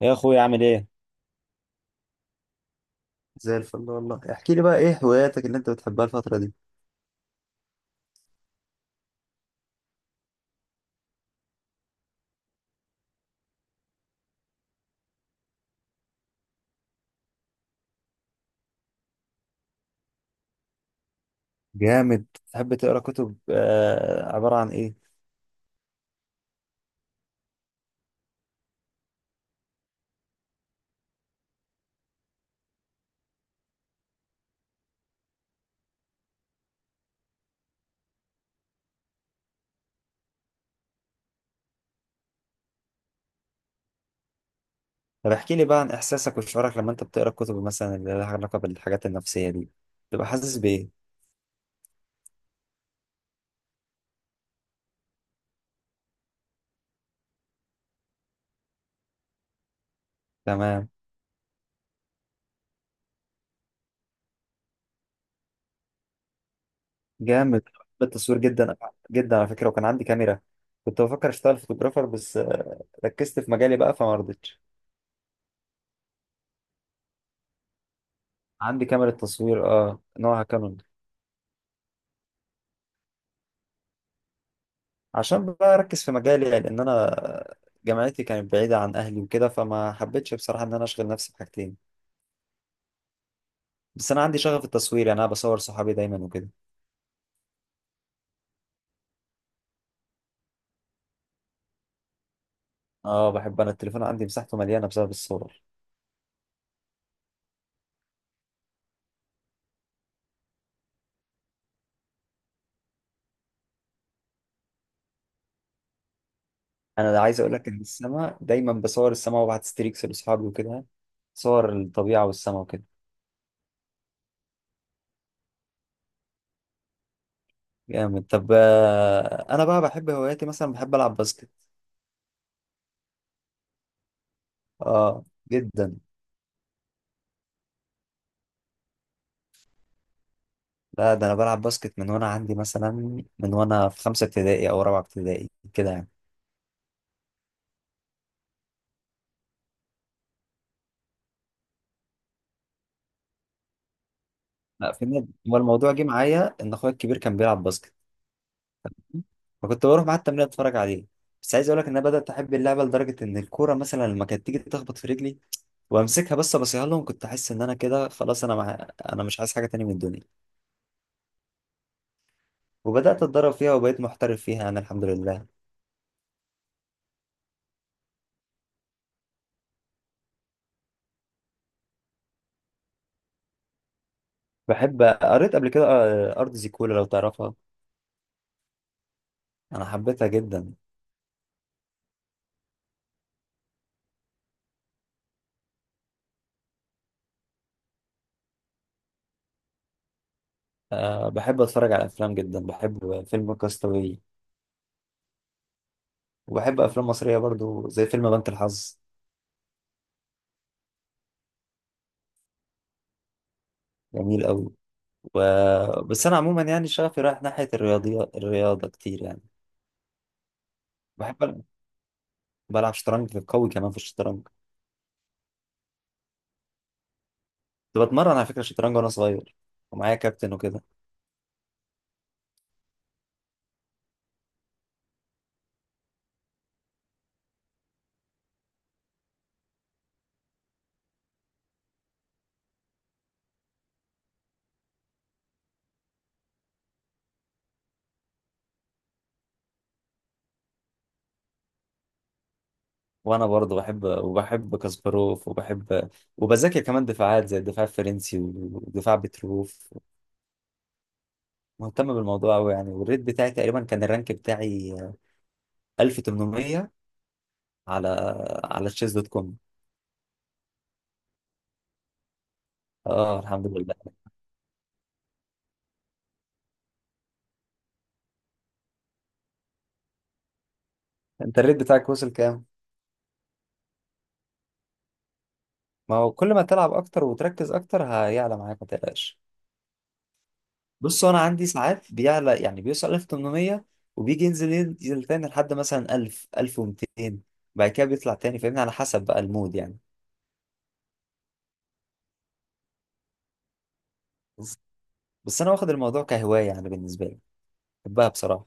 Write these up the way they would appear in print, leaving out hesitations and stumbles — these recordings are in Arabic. يا اخويا، عامل ايه؟ زي الفل والله، احكي لي بقى ايه هواياتك اللي انت بتحبها الفترة دي. جامد. تحب تقرا كتب عباره عن ايه؟ طب احكي لي بقى عن احساسك وشعورك لما انت بتقرا الكتب مثلا اللي لها علاقه بالحاجات النفسيه دي، تبقى حاسس بايه؟ تمام. جامد، بحب التصوير جدا جدا على فكره، وكان عندي كاميرا، كنت بفكر اشتغل فوتوغرافر، بس ركزت في مجالي بقى فما رضيتش. عندي كاميرا تصوير، نوعها كانون. عشان بقى اركز في مجالي، لان انا جامعتي كانت بعيده عن اهلي وكده، فما حبيتش بصراحه ان انا اشغل نفسي بحاجتين. بس انا عندي شغف التصوير، يعني انا بصور صحابي دايما وكده. اه بحب انا التليفون، عندي مساحته مليانه بسبب الصور. انا عايز اقول لك ان السما، دايما بصور السما وببعت ستريكس لاصحابي وكده، صور الطبيعه والسما وكده. جامد. طب انا بقى بحب هواياتي، مثلا بحب العب باسكت. اه، جدا. لا، ده انا بلعب باسكت من وانا في خمسه ابتدائي او رابعه ابتدائي كده يعني. لا، في نادي. هو الموضوع جه معايا ان اخويا الكبير كان بيلعب باسكت، فكنت بروح معاه التمرين اتفرج عليه. بس عايز اقول لك ان انا بدات احب اللعبه لدرجه ان الكوره مثلا لما كانت تيجي تخبط في رجلي وامسكها بس ابصيها لهم، كنت احس ان انا كده خلاص، انا مش عايز حاجه تاني من الدنيا. وبدات اتدرب فيها وبقيت محترف فيها، انا الحمد لله. بحب، قريت قبل كده ارض زيكولا لو تعرفها، انا حبيتها جدا. أه بحب اتفرج على افلام جدا، بحب فيلم كاستاوي، وبحب افلام مصريه برضو زي فيلم بنك الحظ. جميل قوي. و... بس انا عموما يعني شغفي رايح ناحيه الرياضيات الرياضه كتير يعني. بحب ألعب- بلعب شطرنج، في قوي كمان في الشطرنج. كنت بتمرن على فكره شطرنج وانا صغير، ومعايا كابتن وكده. وانا برضه بحب، وبحب كاسباروف، وبحب، وبذاكر كمان دفاعات زي الدفاع الفرنسي ودفاع بتروف. مهتم بالموضوع قوي يعني، والريت بتاعي تقريبا، كان الرانك بتاعي 1800 على على تشيز دوت كوم. اه، الحمد لله. انت الريت بتاعك وصل كام؟ ما هو كل ما تلعب اكتر وتركز اكتر هيعلى معاك، ما تقلقش. بص، انا عندي ساعات بيعلى يعني بيوصل 1800، وبيجي ينزل ينزل تاني لحد مثلا 1000 1200، بعد كده بيطلع تاني، فاهمني، على حسب بقى المود يعني. بس بس انا واخد الموضوع كهوايه، يعني بالنسبه لي بحبها بصراحه.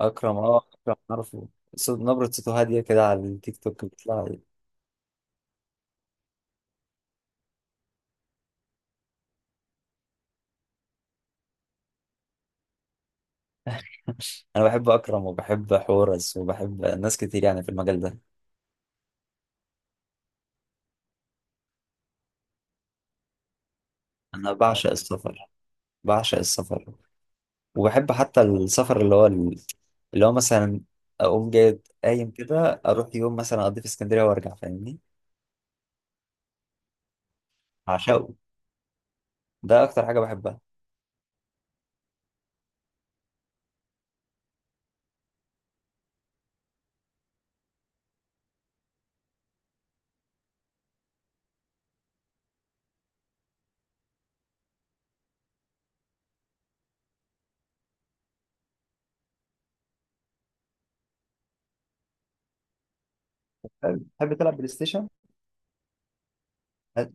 اكرم عارفه، صوت، نبره صوته هاديه كده على التيك توك بتطلع لي. انا بحب اكرم وبحب حورس وبحب ناس كتير يعني في المجال ده. انا بعشق السفر، بعشق السفر، وبحب حتى السفر اللي هو، اللي هو مثلا اقوم جاي قايم كده اروح يوم مثلا اقضي في اسكندريه وارجع، فاهمني. عشاقه، ده اكتر حاجه بحبها. حلو. تحب تلعب بلاي ستيشن؟ حلو.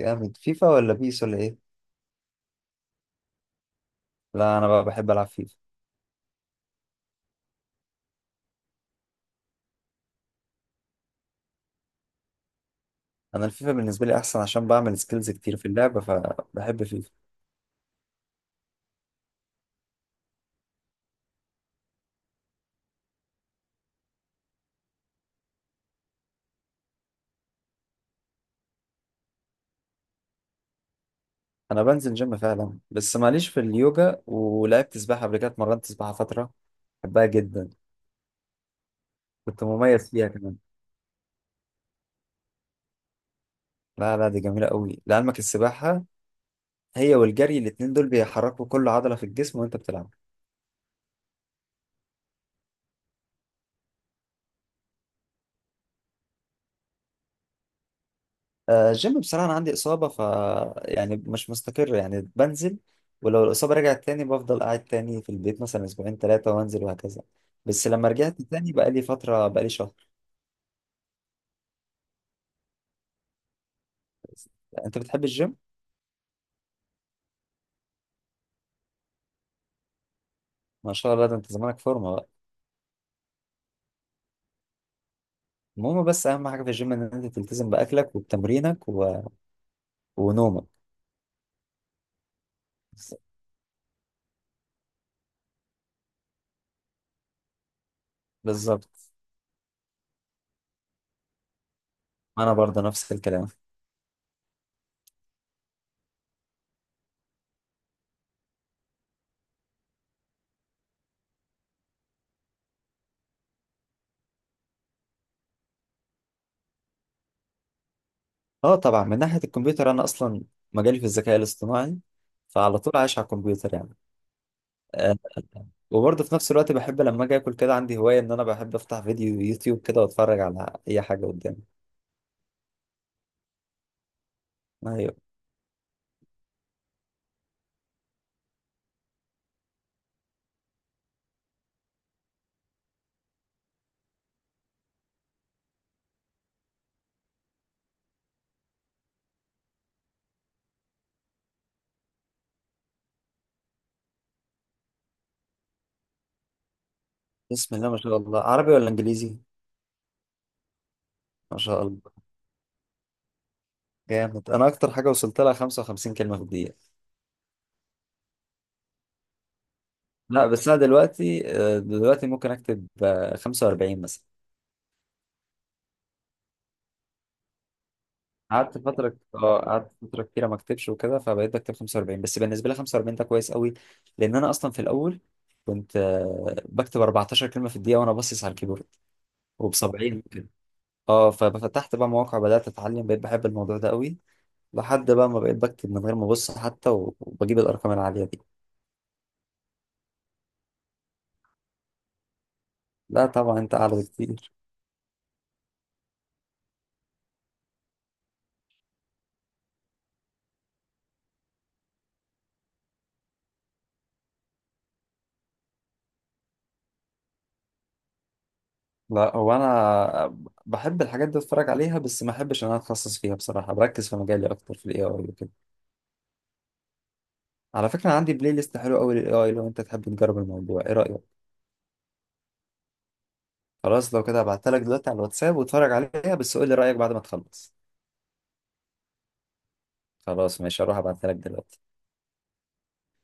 جامد. فيفا ولا بيس ولا ايه؟ لا، انا بقى بحب العب فيفا. انا الفيفا بالنسبه لي احسن عشان بعمل سكيلز كتير في اللعبه، فبحب فيفا. انا بنزل جيم فعلا بس ماليش في اليوجا، ولعبت سباحه قبل كده، اتمرنت سباحه فتره، بحبها جدا، كنت مميز فيها كمان. لا لا، دي جميله قوي لعلمك السباحه، هي والجري الاتنين دول بيحركوا كل عضلة في الجسم وانت بتلعب. الجيم بصراحة أنا عندي إصابة، ف يعني مش مستقر، يعني بنزل، ولو الإصابة رجعت تاني بفضل قاعد تاني في البيت مثلا أسبوعين تلاتة وأنزل وهكذا. بس لما رجعت تاني، بقى لي فترة، بقى لي شهر. أنت بتحب الجيم؟ ما شاء الله، ده أنت زمانك فورمة بقى. المهم، بس أهم حاجة في الجيم إن أنت تلتزم بأكلك وبتمرينك ونومك. بالظبط. أنا برضه نفس الكلام. أه طبعا، من ناحية الكمبيوتر أنا أصلا مجالي في الذكاء الاصطناعي، فعلى طول عايش على الكمبيوتر يعني. آه، وبرضه في نفس الوقت بحب لما اجي اكل كده عندي هوايه ان انا بحب افتح فيديو يوتيوب كده واتفرج على اي حاجه قدامي. ايوه. بسم الله ما شاء الله، عربي ولا انجليزي؟ ما شاء الله، جامد. انا اكتر حاجه وصلت لها 55 كلمه في الدقيقه. لا بس انا دلوقتي ممكن اكتب 45 مثلا. قعدت فترة كتيرة ما اكتبش وكده، فبقيت بكتب 45، بس بالنسبة لي 45 ده كويس قوي. لأن أنا أصلا في الأول كنت بكتب 14 كلمة في الدقيقة وأنا باصص على الكيبورد وب70. اه ففتحت بقى مواقع، بدأت اتعلم، بقيت بحب الموضوع ده قوي، لحد بقى ما بقيت بكتب من غير ما ابص حتى، و- وبجيب الارقام العالية دي. لا طبعا، انت اعلى بكتير. لا، هو انا بحب الحاجات دي اتفرج عليها، بس ما احبش ان انا اتخصص فيها بصراحة، بركز في مجالي اكتر في الاي اي وكده. على فكرة، عندي بلاي ليست حلو قوي للاي اي، لو انت تحب نجرب الموضوع، ايه رأيك؟ خلاص، لو كده هبعتها لك دلوقتي على الواتساب، واتفرج عليها بس قول لي رأيك بعد ما تخلص. خلاص ماشي، هروح ابعتها لك دلوقتي.